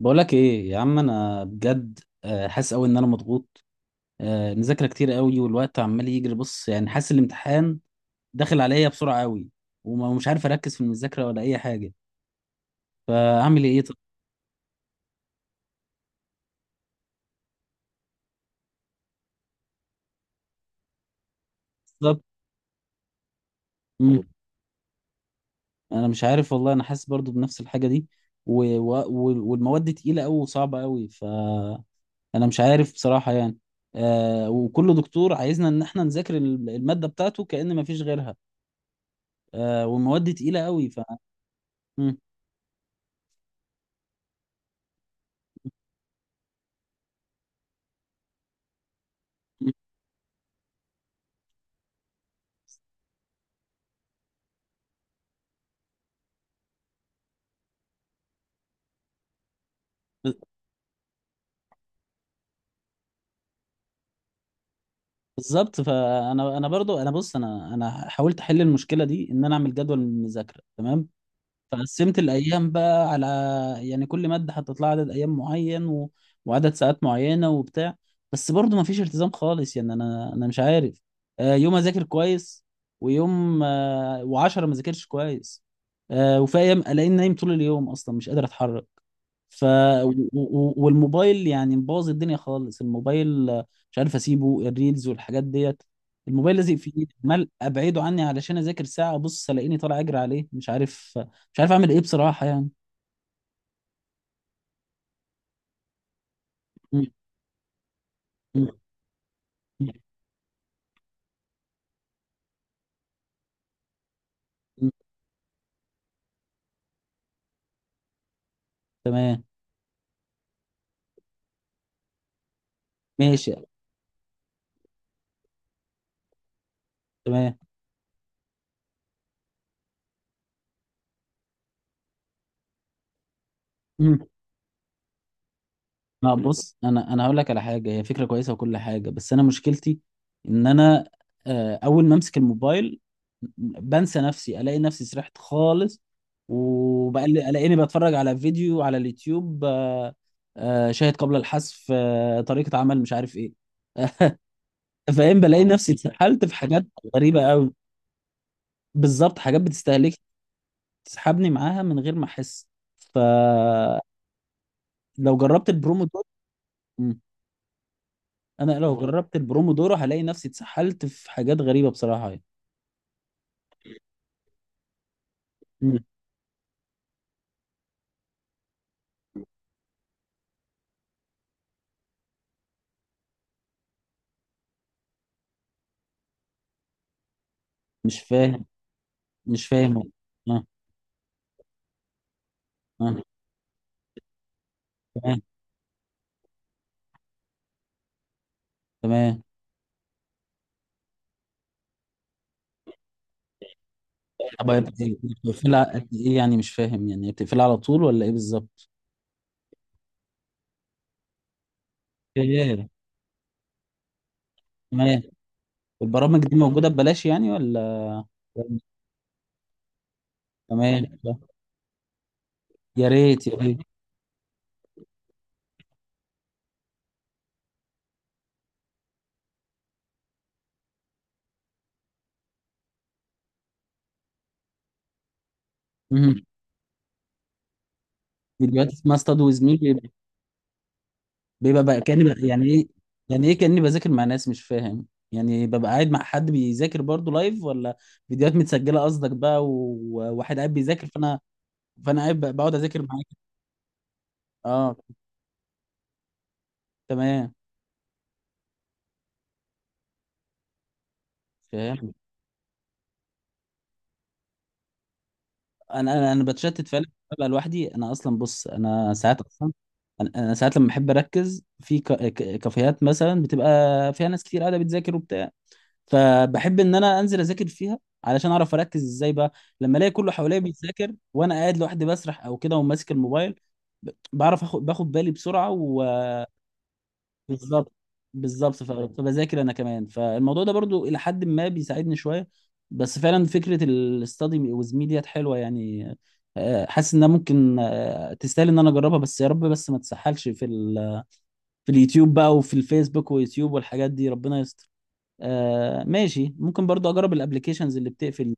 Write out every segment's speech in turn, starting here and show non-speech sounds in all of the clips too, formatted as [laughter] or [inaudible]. بقولك ايه يا عم، انا بجد حاسس قوي ان انا مضغوط. مذاكره كتير قوي، والوقت عمال يجري، بص يعني حاسس الامتحان داخل عليا بسرعه قوي. ومش عارف اركز في المذاكره ولا اي حاجه. فاعمل ايه طب؟ بالظبط. مم. انا مش عارف والله، انا حاسس برضو بنفس الحاجه دي. والمواد تقيله قوي وصعبه قوي، فانا مش عارف بصراحه يعني. آه، وكل دكتور عايزنا ان احنا نذاكر الماده بتاعته كأن ما فيش غيرها. آه، والمواد تقيله قوي، مم. بالظبط، فانا برضو، انا بص، انا حاولت احل المشكله دي ان انا اعمل جدول من المذاكره، تمام. فقسمت الايام بقى على، يعني كل ماده حطيت لها عدد ايام معين وعدد ساعات معينه وبتاع. بس برضو ما فيش التزام خالص، يعني انا مش عارف. يوم اذاكر كويس، ويوم وعشرة ما ذاكرش كويس. وفي ايام الاقيني نايم طول اليوم، اصلا مش قادر اتحرك. ف والموبايل يعني مبوظ الدنيا خالص، الموبايل مش عارف اسيبه، الريلز والحاجات ديت. الموبايل لازق في ايدي، عمال ابعده عني علشان اذاكر، ساعه ابص الاقيني طالع اجري عليه، مش عارف. مش عارف اعمل ايه بصراحة يعني. مم. مم. مم. مم. تمام. ماشي. تمام. مم. ما بص، انا انا هقول لك على حاجة، هي فكرة كويسة وكل حاجة، بس انا مشكلتي ان انا، اول ما امسك الموبايل بنسى نفسي، الاقي نفسي سرحت خالص، وبلاقيني بتفرج على فيديو على اليوتيوب. شاهد قبل الحذف، طريقة عمل مش عارف ايه. [laughs] فاهم، بلاقي نفسي اتسحلت في حاجات غريبة قوي. بالظبط، حاجات بتستهلك، تسحبني معاها من غير ما احس. فلو جربت البرومودورو. مم. انا لو جربت البرومودورو هلاقي نفسي اتسحلت في حاجات غريبة بصراحة يعني. مم. مش فاهم. مش فاهم. اه. اه. تمام. تمام. طب هي بتقفلها قد ايه؟ يعني مش فاهم، يعني هي بتقفلها على طول ولا ايه بالظبط؟ ياه. تمام. البرامج دي موجودة ببلاش يعني، ولا؟ تمام. يا ريت يا ريت. مم. فيديوهات اسمها استاد وزميل؟ بيبقى بقى كأني بقى يعني ايه؟ يعني ايه كأني بذاكر مع ناس؟ مش فاهم. يعني ببقى قاعد مع حد بيذاكر برضه لايف، ولا فيديوهات متسجلة قصدك بقى، وواحد قاعد بيذاكر فانا، فانا قاعد بقعد اذاكر معاك؟ اه. تمام. فاهم. انا بتشتت فعلا، ببقى لوحدي. انا اصلا بص، انا ساعات اصلا، انا ساعات لما بحب اركز في كافيهات مثلا، بتبقى فيها ناس كتير قاعده بتذاكر وبتاع، فبحب ان انا انزل اذاكر فيها علشان اعرف اركز ازاي بقى. لما الاقي كله حواليا بيذاكر وانا قاعد لوحدي بسرح او كده وماسك الموبايل، بعرف اخد، باخد بالي بسرعه وبالظبط. بالظبط، فبذاكر انا كمان، فالموضوع ده برضو الى حد ما بيساعدني شويه. بس فعلا فكره الاستادي ويز مي ديت حلوه يعني. حاسس انها ممكن تستاهل ان انا اجربها، بس يا رب، بس ما تسحلش في في اليوتيوب بقى وفي الفيسبوك ويوتيوب والحاجات دي، ربنا يستر. آه، ماشي، ممكن برضو اجرب الابلكيشنز اللي بتقفل.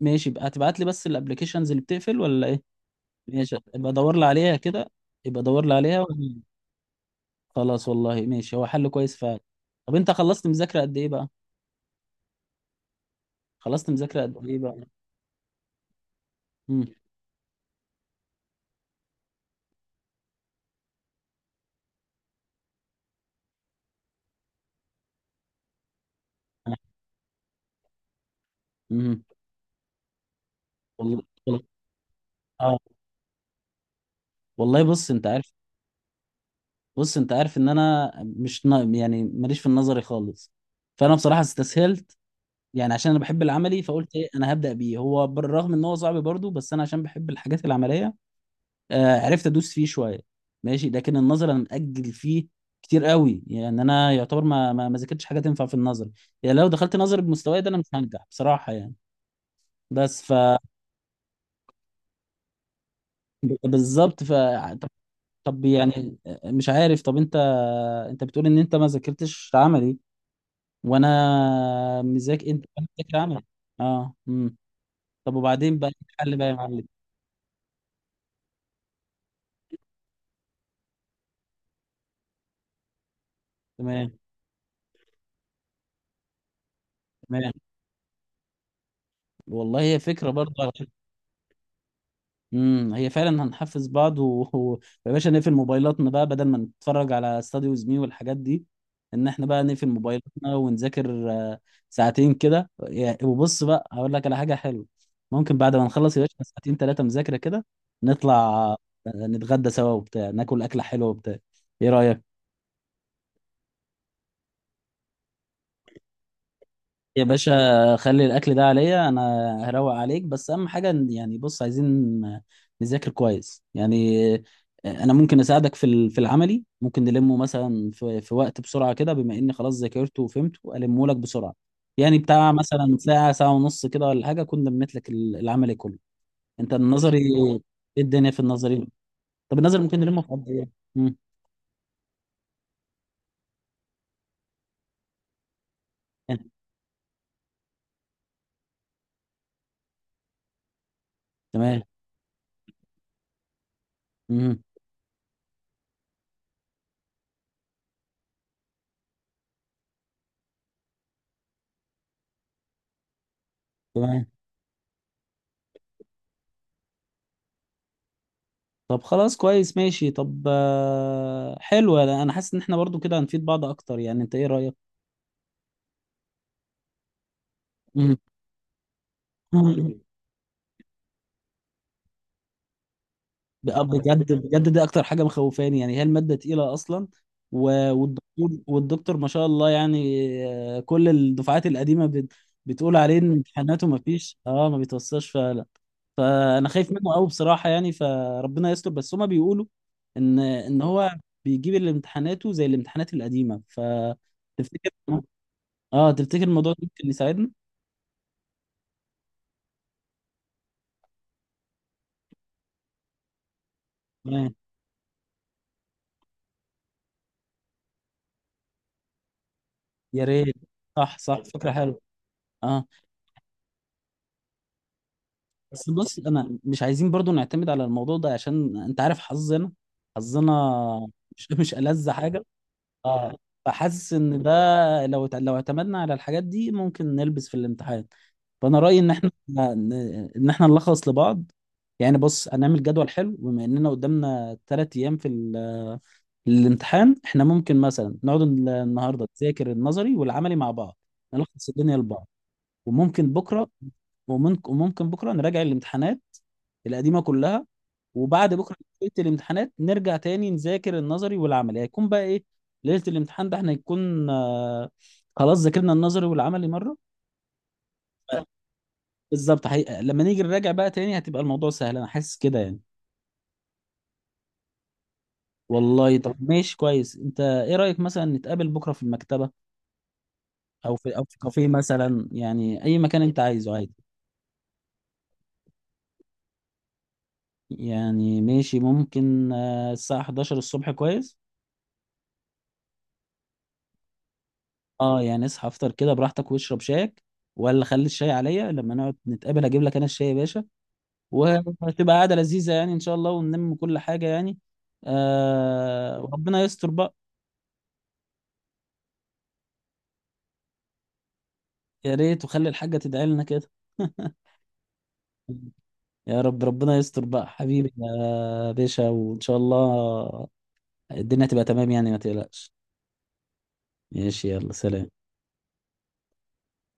ماشي بقى، هتبعت لي بس الابلكيشنز اللي بتقفل ولا ايه؟ ماشي، ابقى ادور لي عليها كده، يبقى ادور لي عليها و- خلاص، والله ماشي، هو حل كويس فعلا. طب انت خلصت مذاكرة قد ايه بقى؟ خلصت مذاكرة قد ايه بقى؟ امم. امم. والله والله- اه. والله بص انت عارف. بص انت عارف ان انا مش نا... يعني ماليش في النظري خالص، فانا بصراحة استسهلت. يعني عشان انا بحب العملي، فقلت ايه، انا هبدأ بيه. هو بالرغم ان هو صعب برضه، بس انا عشان بحب الحاجات العملية، آه عرفت ادوس فيه شوية. ماشي. لكن النظر انا مأجل فيه كتير قوي، يعني انا يعتبر ما ذاكرتش حاجة تنفع في النظر. يعني لو دخلت نظر بمستواي ده انا مش هنجح بصراحة يعني. بس ف بالظبط ف طب، طب يعني، مش عارف. طب انت، انت بتقول ان انت ما ذاكرتش عملي، وانا مذاكر. انت؟ أنا مذاكر عملي. اه. امم. طب وبعدين بقى إيه الحل بقى يا معلم؟ تمام. تمام. والله هي فكرة برضه على فكرة. امم، هي فعلا هنحفز بعض [laughs] و... يا باشا نقفل موبايلاتنا بقى بدل ما نتفرج على استاديوز مي والحاجات دي. ان احنا بقى نقفل موبايلاتنا ونذاكر ساعتين كده، يا- وبص بقى هقول لك على حاجة حلوة. ممكن بعد ما نخلص يا باشا ساعتين ثلاثة مذاكرة كده، نطلع نتغدى سوا وبتاع، ناكل أكلة حلوة وبتاع. ايه رأيك؟ يا باشا خلي الاكل ده عليا انا، هروق عليك، بس اهم حاجه إن- يعني بص، عايزين نذاكر كويس يعني. انا ممكن اساعدك في في العملي، ممكن نلمه مثلا في وقت بسرعه كده، بما اني خلاص ذاكرته وفهمته، المه لك بسرعه، يعني بتاع مثلا ساعه، ساعه ونص كده ولا حاجه كنا لميت لك العملي كله. انت النظري ايه؟ الدنيا في النظري. طب النظري ممكن نلمه في قد ايه؟ مم، يعني تمام. مم، تمام. طب خلاص كويس، ماشي. طب حلو، انا حاسس ان احنا برضو كده هنفيد بعض اكتر، يعني انت ايه رأيك؟ مم. مم. بقى بجد، بجد دي اكتر حاجة مخوفاني، يعني هي المادة تقيلة اصلا، والدكتور ما شاء الله يعني. كل الدفعات القديمة بتقول عليه ان امتحاناته ما فيش، اه ما بيتوصلش فعلا. فانا خايف منه قوي بصراحة يعني، فربنا يستر. بس هما بيقولوا ان هو بيجيب الامتحاناته زي الامتحانات القديمة، فتفتكر؟ اه، تفتكر الموضوع ده ممكن يساعدنا؟ تمام، يا ريت. صح صح، فكره حلوه. اه، بس بص انا مش عايزين برضو نعتمد على الموضوع ده، عشان انت عارف حظنا، حظنا مش [laughs] مش ألذ حاجه. اه. فحاسس ان ده لو اعتمدنا على الحاجات دي ممكن نلبس في الامتحان. فانا رايي ان احنا، ان احنا نلخص لبعض. يعني بص، هنعمل جدول حلو، بما اننا قدامنا ثلاث ايام في الامتحان، احنا ممكن مثلا نقعد النهارده نذاكر النظري والعملي مع بعض، نلخص الدنيا لبعض. وممكن بكره، وممكن بكره نراجع الامتحانات القديمه كلها. وبعد بكره ليله الامتحانات نرجع تاني نذاكر النظري والعملي، هيكون بقى ايه، ليله الامتحان ده احنا يكون آه، خلاص ذاكرنا النظري والعملي مره. بالظبط، حقيقة. لما نيجي نراجع بقى تاني هتبقى الموضوع سهل، انا حاسس كده يعني. والله طب ماشي كويس. انت ايه رايك مثلا نتقابل بكره في المكتبه، او في كافيه مثلا، يعني اي مكان انت عايزه عادي. يعني ماشي، ممكن الساعة 11 الصبح كويس. اه يعني اصحى افطر كده براحتك واشرب شايك، ولا خلي الشاي عليا لما نقعد نتقابل، اجيب لك انا الشاي يا باشا. وهتبقى قعدة لذيذة يعني ان شاء الله، ونلم كل حاجة يعني. آه، وربنا يستر بقى. يا ريت، وخلي الحاجة تدعي لنا كده. [laughs] يا رب، ربنا يستر بقى حبيبي يا باشا، وان شاء الله الدنيا تبقى تمام يعني، ما تقلقش. ماشي، يلا سلام.